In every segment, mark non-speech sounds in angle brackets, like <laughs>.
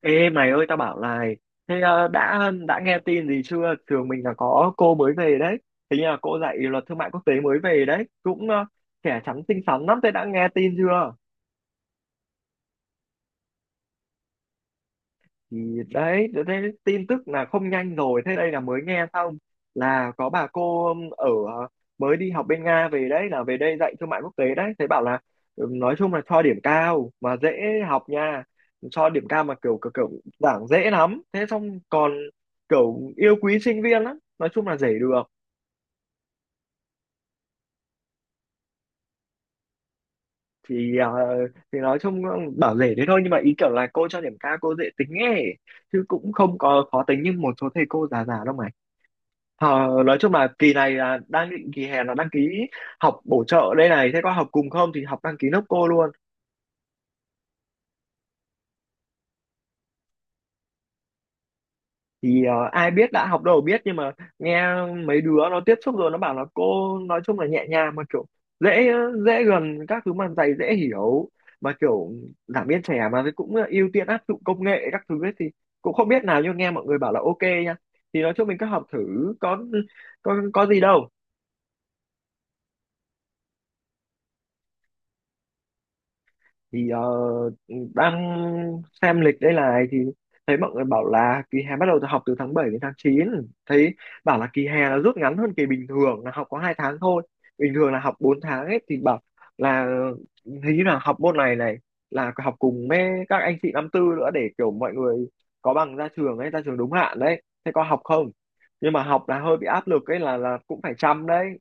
Ê mày ơi, tao bảo này. Thế đã nghe tin gì chưa? Trường mình là có cô mới về đấy. Hình như là cô dạy luật thương mại quốc tế mới về đấy, cũng trẻ trắng xinh xắn lắm. Thế đã nghe tin chưa? Thì đấy, tôi thấy tin tức là không nhanh rồi. Thế đây là mới nghe xong, là có bà cô ở mới đi học bên Nga về đấy, là về đây dạy thương mại quốc tế đấy. Thấy bảo là nói chung là cho điểm cao mà dễ học nha. Cho điểm cao mà kiểu kiểu, kiểu giảng dễ lắm. Thế xong còn kiểu yêu quý sinh viên lắm, nói chung là dễ được. Thì ờ, thì nói chung bảo dễ thế thôi, nhưng mà ý kiểu là cô cho điểm cao, cô dễ tính ấy, chứ cũng không có khó tính như một số thầy cô già già đâu mà. Ờ, nói chung là kỳ này là đang định kỳ hè là đăng ký học bổ trợ đây này. Thế có học cùng không? Thì học, đăng ký nốc cô luôn. Thì ai biết, đã học đâu biết, nhưng mà nghe mấy đứa nó tiếp xúc rồi nó bảo là cô nói chung là nhẹ nhàng mà kiểu dễ dễ gần các thứ, mà thầy dễ hiểu, mà kiểu giảng viên trẻ mà thì cũng ưu tiên áp dụng công nghệ các thứ ấy. Thì cũng không biết nào, nhưng nghe mọi người bảo là ok nha. Thì nói chung mình cứ học thử, có có gì đâu. Thì đang xem lịch đây này, thì thấy mọi người bảo là kỳ hè bắt đầu từ học từ tháng 7 đến tháng 9. Thấy bảo là kỳ hè là rút ngắn hơn kỳ bình thường, là học có 2 tháng thôi, bình thường là học 4 tháng ấy. Thì bảo là hình như là học môn này này là học cùng với các anh chị năm 4 nữa, để kiểu mọi người có bằng ra trường ấy, ra trường đúng hạn đấy. Thế có học không? Nhưng mà học là hơi bị áp lực ấy, là cũng phải chăm đấy,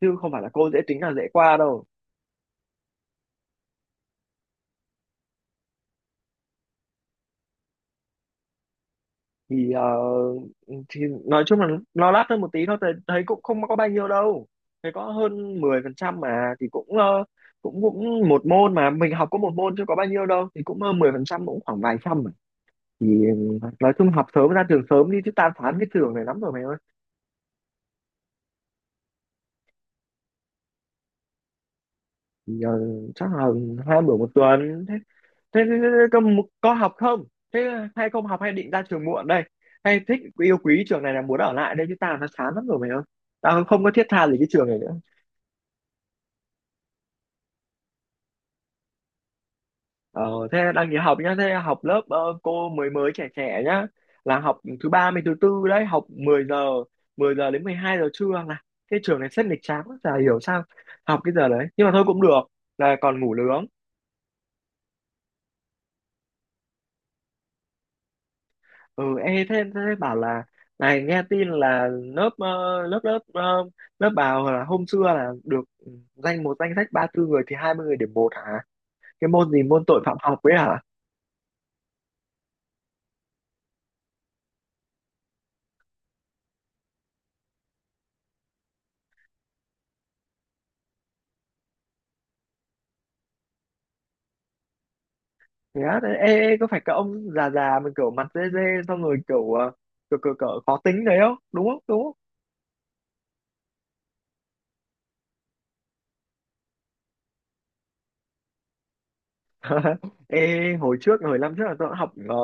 chứ không phải là cô dễ tính là dễ qua đâu. Thì thì nói chung là nó lát hơn một tí thôi, thấy cũng không có bao nhiêu đâu. Thấy có hơn 10% mà, thì cũng ờ, cũng cũng một môn, mà mình học có một môn chứ có bao nhiêu đâu, thì cũng hơn 10%, cũng khoảng vài trăm mà. Thì nói chung học sớm ra trường sớm đi, chứ tan phán cái trường này lắm rồi mày ơi. Thì, chắc là 2 bữa một tuần. Thế thế, thế, thế thế có học không? Thế hay không học, hay định ra trường muộn đây, hay thích yêu quý trường này là muốn ở lại đây? Chứ tao nó chán lắm rồi mày ơi, tao không có thiết tha gì cái trường này nữa. Ờ, thế đang nghỉ học nhá. Thế học lớp cô mới mới trẻ trẻ nhá, là học thứ ba mới thứ tư đấy, học 10 giờ, 10 giờ đến 12 giờ trưa. Là cái trường này rất nghịch chán, chả hiểu sao học cái giờ đấy, nhưng mà thôi cũng được, là còn ngủ nướng. Ừ, ê, thế bảo là này nghe tin là lớp bảo là hôm xưa là được một danh sách 34 người thì 20 người điểm 1 hả? Cái môn gì, môn tội phạm học ấy hả? Thế á, ê, ê, có phải cái ông già già mình kiểu mặt dê dê, xong rồi kiểu ờ, kiểu, kiểu, kiểu khó tính đấy không? Đúng không? Đúng không? <laughs> Ê hồi trước, hồi năm trước là tôi cũng học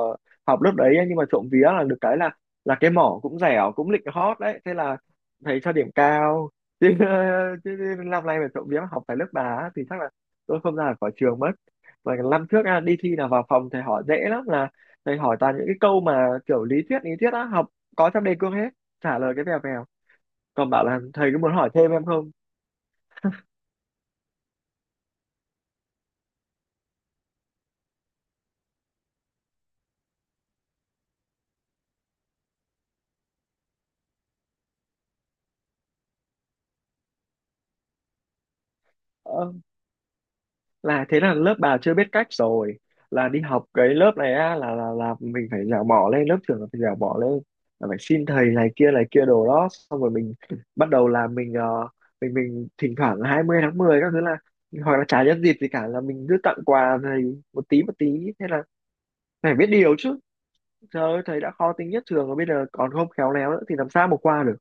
học lớp đấy ấy, nhưng mà trộm vía là được cái là cái mỏ cũng dẻo cũng lịch hot đấy, thế là thầy cho điểm cao chứ. <laughs> Chứ năm nay mà trộm vía mà học phải lớp bà á, thì chắc là tôi không ra được khỏi trường mất. Và cái năm trước à, đi thi là vào phòng thầy hỏi dễ lắm, là thầy hỏi toàn những cái câu mà kiểu lý thuyết á, học có trong đề cương hết, trả lời cái vèo vèo, còn bảo là thầy có muốn hỏi thêm em không. ờ, là thế là lớp bà chưa biết cách rồi. Là đi học cái lớp này á, là mình phải dẻo mỏ lên, lớp trưởng là phải dẻo mỏ lên, là phải xin thầy này kia đồ đó. Xong rồi mình bắt đầu là mình mình thỉnh thoảng là 20 tháng 10 các thứ, là hoặc là chả nhân dịp gì cả là mình cứ tặng quà thầy một tí một tí. Thế là phải biết điều chứ. Trời ơi thầy đã khó tính nhất trường rồi, bây giờ còn không khéo léo nữa thì làm sao mà qua được.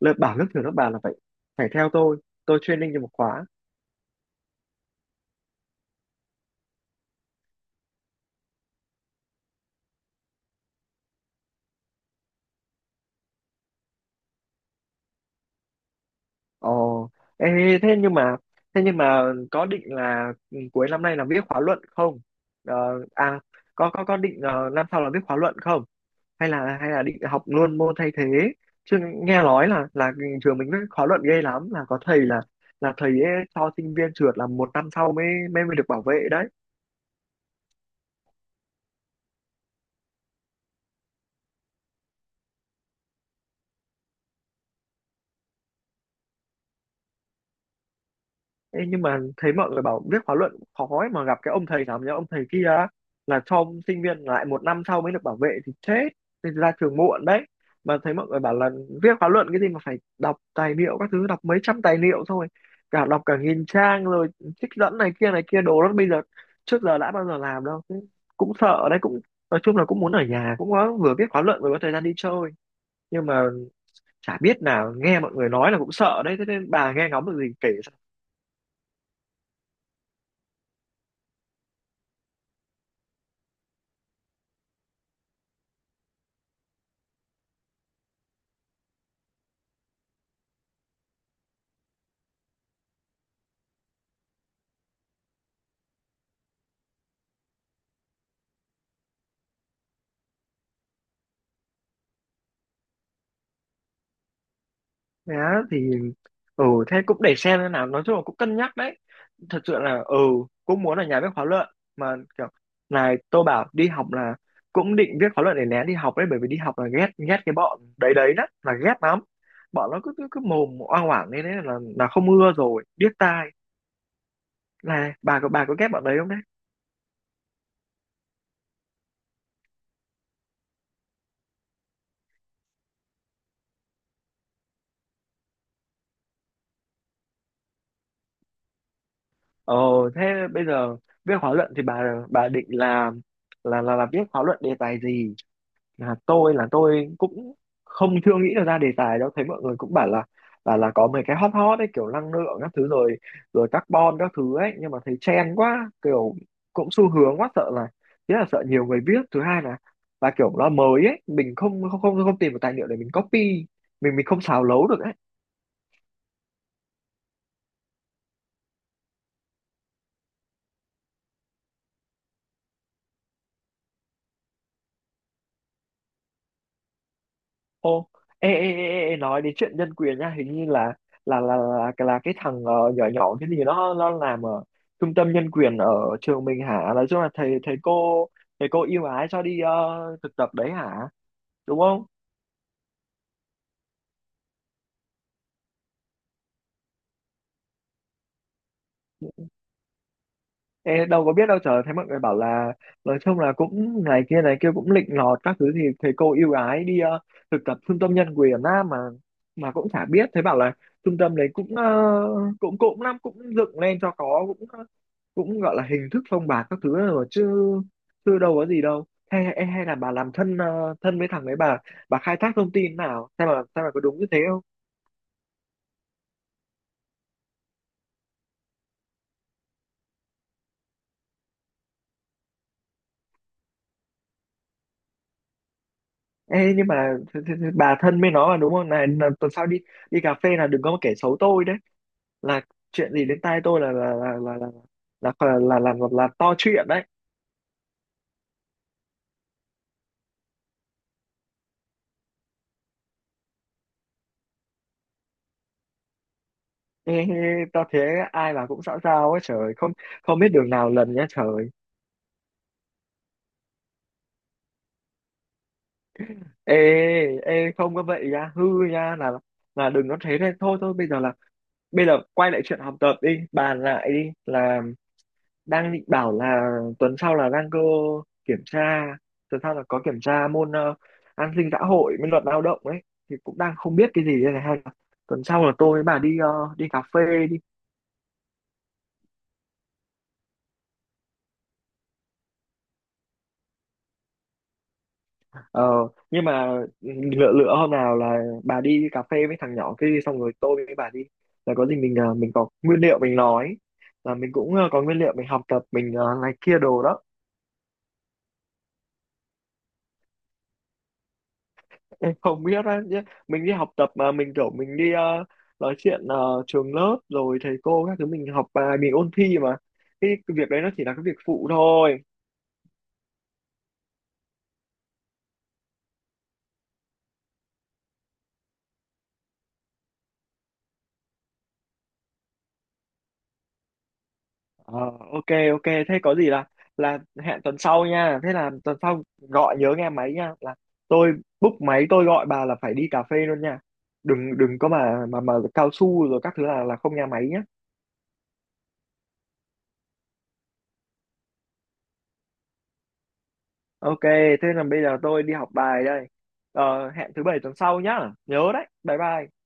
Lớp bảo lớp trưởng lớp bà là phải, phải theo tôi training cho một khóa. Ồ, ê, thế nhưng mà thế nhưng mà có định là cuối năm nay là viết khóa luận không? Ờ, à, có định năm sau là viết khóa luận không? Hay là định học luôn môn thay thế? Chứ nghe nói là trường mình viết khóa luận ghê lắm, là có thầy là thầy ấy cho sinh viên trượt là một năm sau mới mới mới được bảo vệ đấy. Ê, nhưng mà thấy mọi người bảo viết khóa luận cũng khó ấy, mà gặp cái ông thầy nào nhá, ông thầy kia á, là cho sinh viên lại một năm sau mới được bảo vệ thì chết, nên ra trường muộn đấy. Mà thấy mọi người bảo là viết khóa luận cái gì mà phải đọc tài liệu các thứ, đọc mấy trăm tài liệu, xong rồi cả đọc cả nghìn trang rồi trích dẫn này kia đồ đó. Bây giờ trước giờ đã bao giờ làm đâu. Thế cũng sợ đấy, cũng nói chung là cũng muốn ở nhà, cũng có vừa viết khóa luận vừa có thời gian đi chơi. Nhưng mà chả biết nào, nghe mọi người nói là cũng sợ đấy, thế nên bà nghe ngóng được gì kể. Thế á? Thì ừ, thế cũng để xem thế nào, nói chung là cũng cân nhắc đấy, thật sự là ừ cũng muốn là nhà viết khóa luận. Mà kiểu, này tôi bảo đi học là cũng định viết khóa luận để né đi học đấy, bởi vì đi học là ghét ghét cái bọn đấy đấy đó, là ghét lắm. Bọn nó cứ cứ, cứ mồm oang oảng lên đấy, là không ưa rồi, điếc tai. Này bà có, bà có ghét bọn đấy không đấy? Ờ, thế bây giờ viết khóa luận thì bà định là, viết khóa luận đề tài gì? Là tôi là tôi cũng không, chưa nghĩ được ra đề tài đâu. Thấy mọi người cũng bảo là là có mấy cái hot hot ấy, kiểu năng lượng các thứ rồi, rồi carbon các thứ ấy, nhưng mà thấy trend quá, kiểu cũng xu hướng quá, sợ là thứ nhất là sợ nhiều người biết, thứ hai là kiểu nó mới ấy, mình không không không không tìm được tài liệu để mình copy, mình không xào lấu được ấy. Ô, ê, nói đến chuyện nhân quyền nha. Hình như là cái thằng nhỏ nhỏ cái gì, nó làm ở trung tâm nhân quyền ở trường mình hả? Nói chung là thầy thầy cô ưu ái cho đi thực tập đấy hả? Đúng không? Ê, đâu có biết đâu trời. Thấy mọi người bảo là nói chung là cũng này kia cũng lịnh lọt các thứ, thì thầy cô ưu ái đi thực tập trung tâm nhân quyền á mà. Mà cũng chả biết, thấy bảo là trung tâm đấy cũng năm cũng dựng lên cho có, cũng cũng gọi là hình thức phong bạc các thứ rồi chứ chưa, đâu có gì đâu. Hay hay, hay là bà làm thân thân với thằng ấy, bà khai thác thông tin nào, sao mà, sao mà có đúng như thế không? Ê, nhưng mà bà thân với nó mà đúng không, này là tuần sau đi, đi cà phê là đừng có mà kể xấu tôi đấy, là chuyện gì đến tai tôi là, là to chuyện đấy. Ê, ê, tao thế ai mà cũng xã giao ấy trời, không không biết đường nào lần nhá trời. Ê ê, không có vậy nha hư nha, là đừng có thế. Nên thôi thôi bây giờ là bây giờ quay lại chuyện học tập đi, bàn lại đi. Là đang định bảo là tuần sau là đang cơ kiểm tra, tuần sau là có kiểm tra môn an sinh xã hội với luật lao động ấy, thì cũng đang không biết cái gì đây này. Hay là tuần sau là tôi với bà đi đi cà phê đi? Ờ, nhưng mà ừ, lựa lựa hôm nào là bà đi cà phê với thằng nhỏ kia đi, xong rồi tôi với bà đi, là có gì mình mình có nguyên liệu mình nói, là mình cũng có nguyên liệu mình học tập, mình này kia đồ đó. Em không biết á, nhé. Mình đi học tập mà mình kiểu mình đi nói chuyện trường lớp rồi thầy cô các thứ, mình học bài, mình ôn thi mà, cái việc đấy nó chỉ là cái việc phụ thôi. Ờ, ok. Ok, thế có gì là hẹn tuần sau nha. Thế là tuần sau gọi nhớ nghe máy nha, là tôi book máy tôi gọi bà là phải đi cà phê luôn nha, đừng đừng có mà cao su rồi các thứ, là không nghe máy nhé. Ok, thế là bây giờ tôi đi học bài đây. Ờ, hẹn thứ bảy tuần sau nhá, nhớ đấy, bye bye.